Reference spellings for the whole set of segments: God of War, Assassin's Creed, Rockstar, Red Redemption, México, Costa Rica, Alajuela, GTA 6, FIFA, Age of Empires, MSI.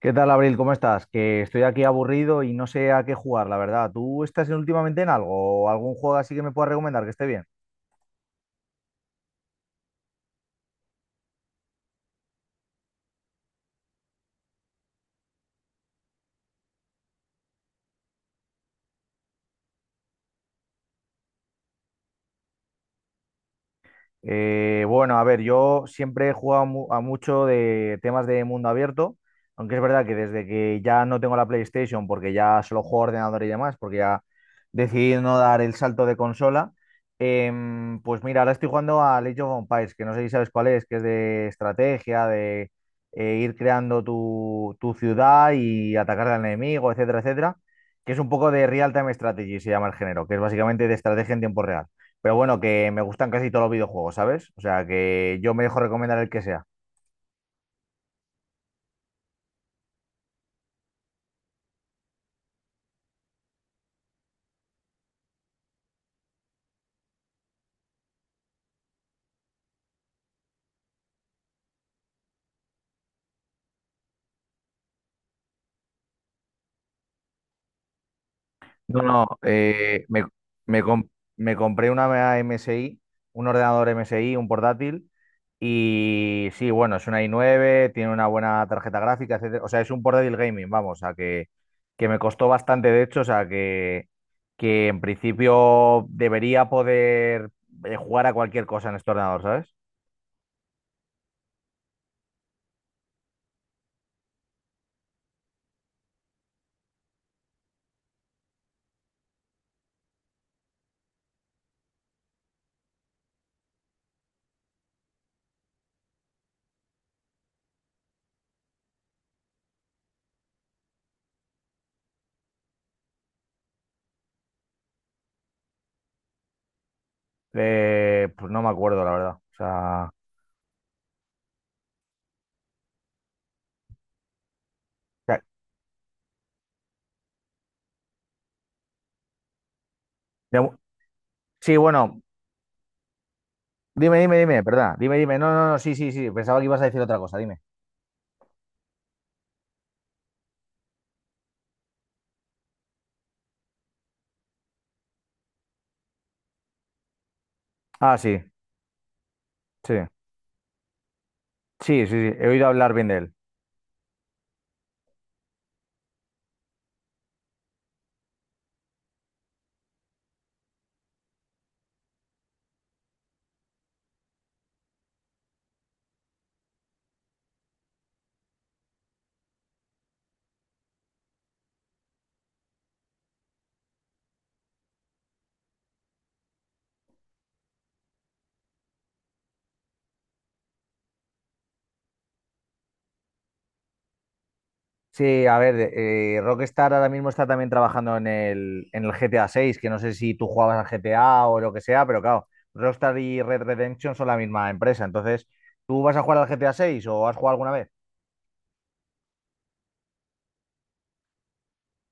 ¿Qué tal, Abril? ¿Cómo estás? Que estoy aquí aburrido y no sé a qué jugar, la verdad. ¿Tú estás últimamente en algo? ¿O ¿Algún juego así que me puedas recomendar que esté bien? Bueno, a ver, yo siempre he jugado a mucho de temas de mundo abierto, aunque es verdad que desde que ya no tengo la PlayStation, porque ya solo juego a ordenador y demás, porque ya decidí no dar el salto de consola. Pues mira, ahora estoy jugando a Age of Empires, que no sé si sabes cuál es, que es de estrategia, de ir creando tu ciudad y atacar al enemigo, etcétera, etcétera, que es un poco de real-time strategy, se llama el género, que es básicamente de estrategia en tiempo real. Pero bueno, que me gustan casi todos los videojuegos, ¿sabes? O sea, que yo me dejo recomendar el que sea. No, no, me com- me compré una MSI, un ordenador MSI, un portátil, y sí, bueno, es una i9, tiene una buena tarjeta gráfica, etcétera. O sea, es un portátil gaming, vamos, o sea, que me costó bastante, de hecho. O sea, que en principio debería poder jugar a cualquier cosa en este ordenador, ¿sabes? Pues no me acuerdo, la verdad. O sea, de, sí, bueno, dime, ¿verdad? Dime. No, no, no, sí, sí, sí. Pensaba que ibas a decir otra cosa, dime. Ah, sí, sí. Sí, sí, sí. He oído hablar bien de él. Sí, a ver, Rockstar ahora mismo está también trabajando en el GTA 6, que no sé si tú jugabas al GTA o lo que sea, pero claro, Rockstar y Red Redemption son la misma empresa. Entonces, ¿tú vas a jugar al GTA 6 o has jugado alguna vez?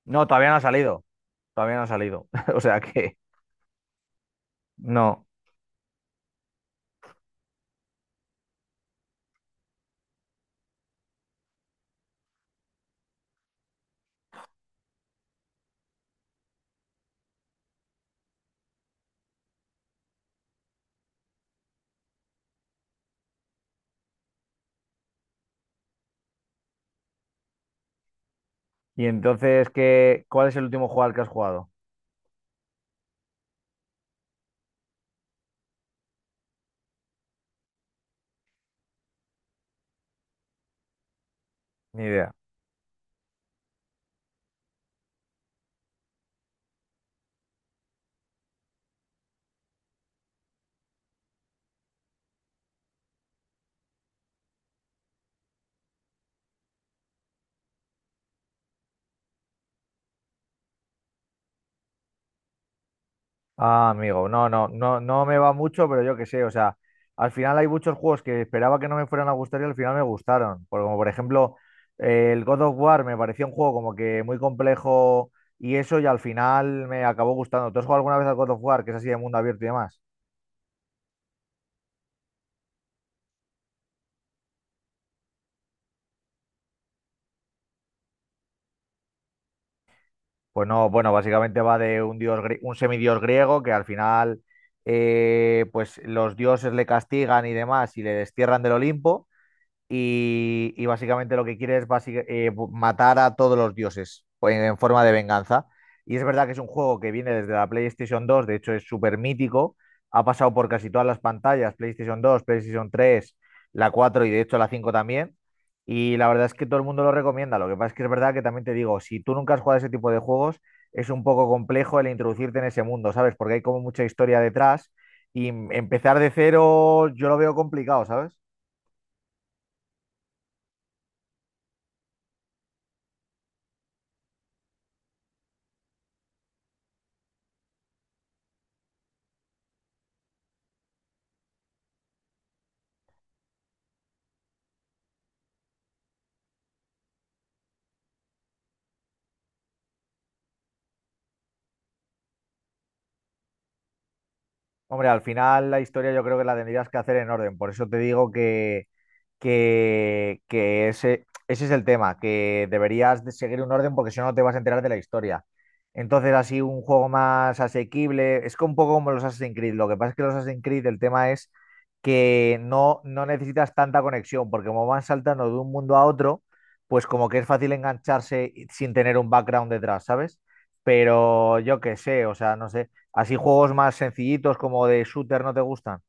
No, todavía no ha salido. Todavía no ha salido. O sea que no. Y entonces, ¿qué, cuál es el último juego al que has jugado? Ni idea. Ah, amigo, no, no, no, no me va mucho, pero yo qué sé. O sea, al final hay muchos juegos que esperaba que no me fueran a gustar y al final me gustaron. Como por ejemplo, el God of War me parecía un juego como que muy complejo y eso, y al final me acabó gustando. ¿Tú has jugado alguna vez al God of War, que es así de mundo abierto y demás? Pues no, bueno, básicamente va de un un semidios griego que al final, pues los dioses le castigan y demás y le destierran del Olimpo y básicamente lo que quiere es matar a todos los dioses pues, en forma de venganza. Y es verdad que es un juego que viene desde la PlayStation 2, de hecho es súper mítico, ha pasado por casi todas las pantallas, PlayStation 2, PlayStation 3, la 4 y de hecho la 5 también. Y la verdad es que todo el mundo lo recomienda. Lo que pasa es que es verdad que también te digo, si tú nunca has jugado a ese tipo de juegos, es un poco complejo el introducirte en ese mundo, ¿sabes? Porque hay como mucha historia detrás y empezar de cero yo lo veo complicado, ¿sabes? Hombre, al final la historia yo creo que la tendrías que hacer en orden. Por eso te digo que ese es el tema, que deberías de seguir un orden porque si no no te vas a enterar de la historia. Entonces, así un juego más asequible, es que un poco como los Assassin's Creed. Lo que pasa es que los Assassin's Creed el tema es que no, no necesitas tanta conexión, porque como van saltando de un mundo a otro, pues como que es fácil engancharse sin tener un background detrás, ¿sabes? Pero yo qué sé, o sea, no sé. ¿Así juegos más sencillitos como de shooter no te gustan?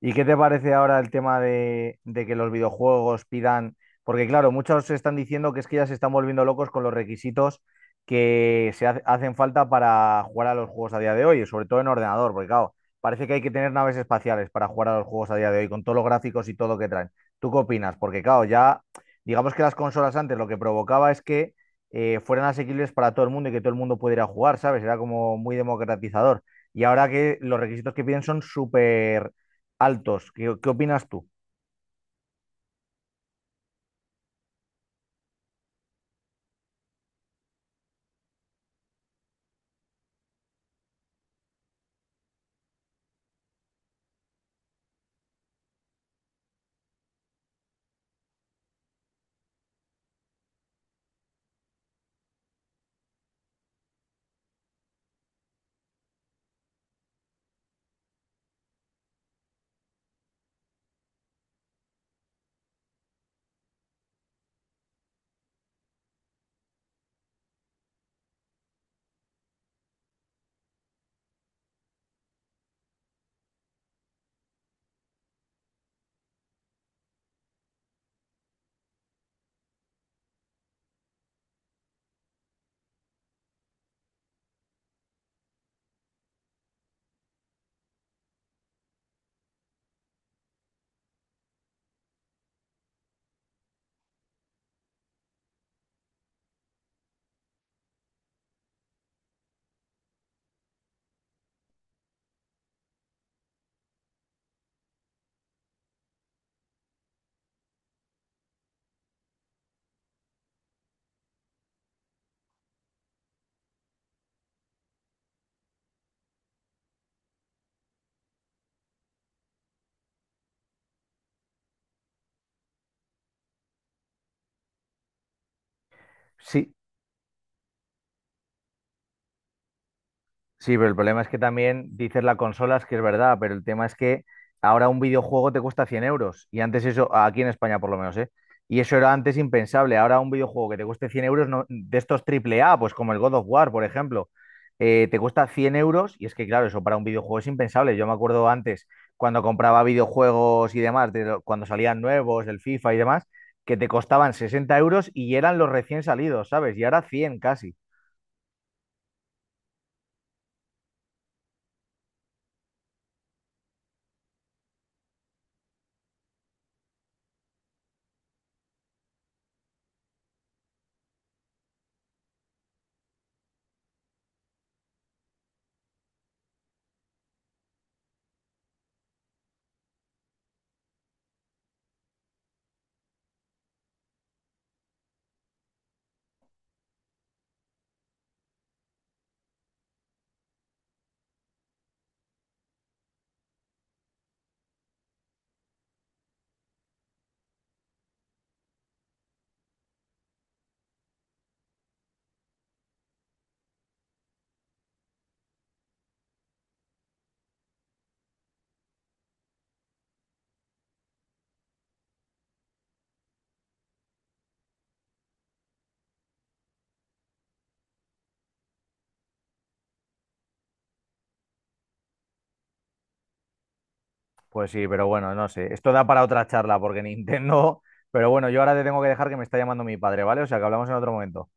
¿Y qué te parece ahora el tema de que los videojuegos pidan? Porque claro, muchos están diciendo que es que ya se están volviendo locos con los requisitos que hacen falta para jugar a los juegos a día de hoy, sobre todo en ordenador, porque claro, parece que hay que tener naves espaciales para jugar a los juegos a día de hoy, con todos los gráficos y todo lo que traen. ¿Tú qué opinas? Porque claro, ya digamos que las consolas antes lo que provocaba es que fueran asequibles para todo el mundo y que todo el mundo pudiera jugar, ¿sabes? Era como muy democratizador. Y ahora que los requisitos que piden son súper altos. ¿Qué, qué opinas tú? Sí, sí, pero el problema es que también dices la consola, es que es verdad, pero el tema es que ahora un videojuego te cuesta 100 euros. Y antes eso, aquí en España por lo menos, ¿eh? Y eso era antes impensable. Ahora un videojuego que te cueste 100 euros, de estos triple A, pues como el God of War, por ejemplo, te cuesta 100 euros. Y es que, claro, eso para un videojuego es impensable. Yo me acuerdo antes, cuando compraba videojuegos y demás, cuando salían nuevos, el FIFA y demás, que te costaban 60 € y eran los recién salidos, ¿sabes? Y ahora 100 casi. Pues sí, pero bueno, no sé. Esto da para otra charla porque Nintendo... Pero bueno, yo ahora te tengo que dejar que me está llamando mi padre, ¿vale? O sea que hablamos en otro momento.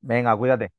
Venga, cuídate.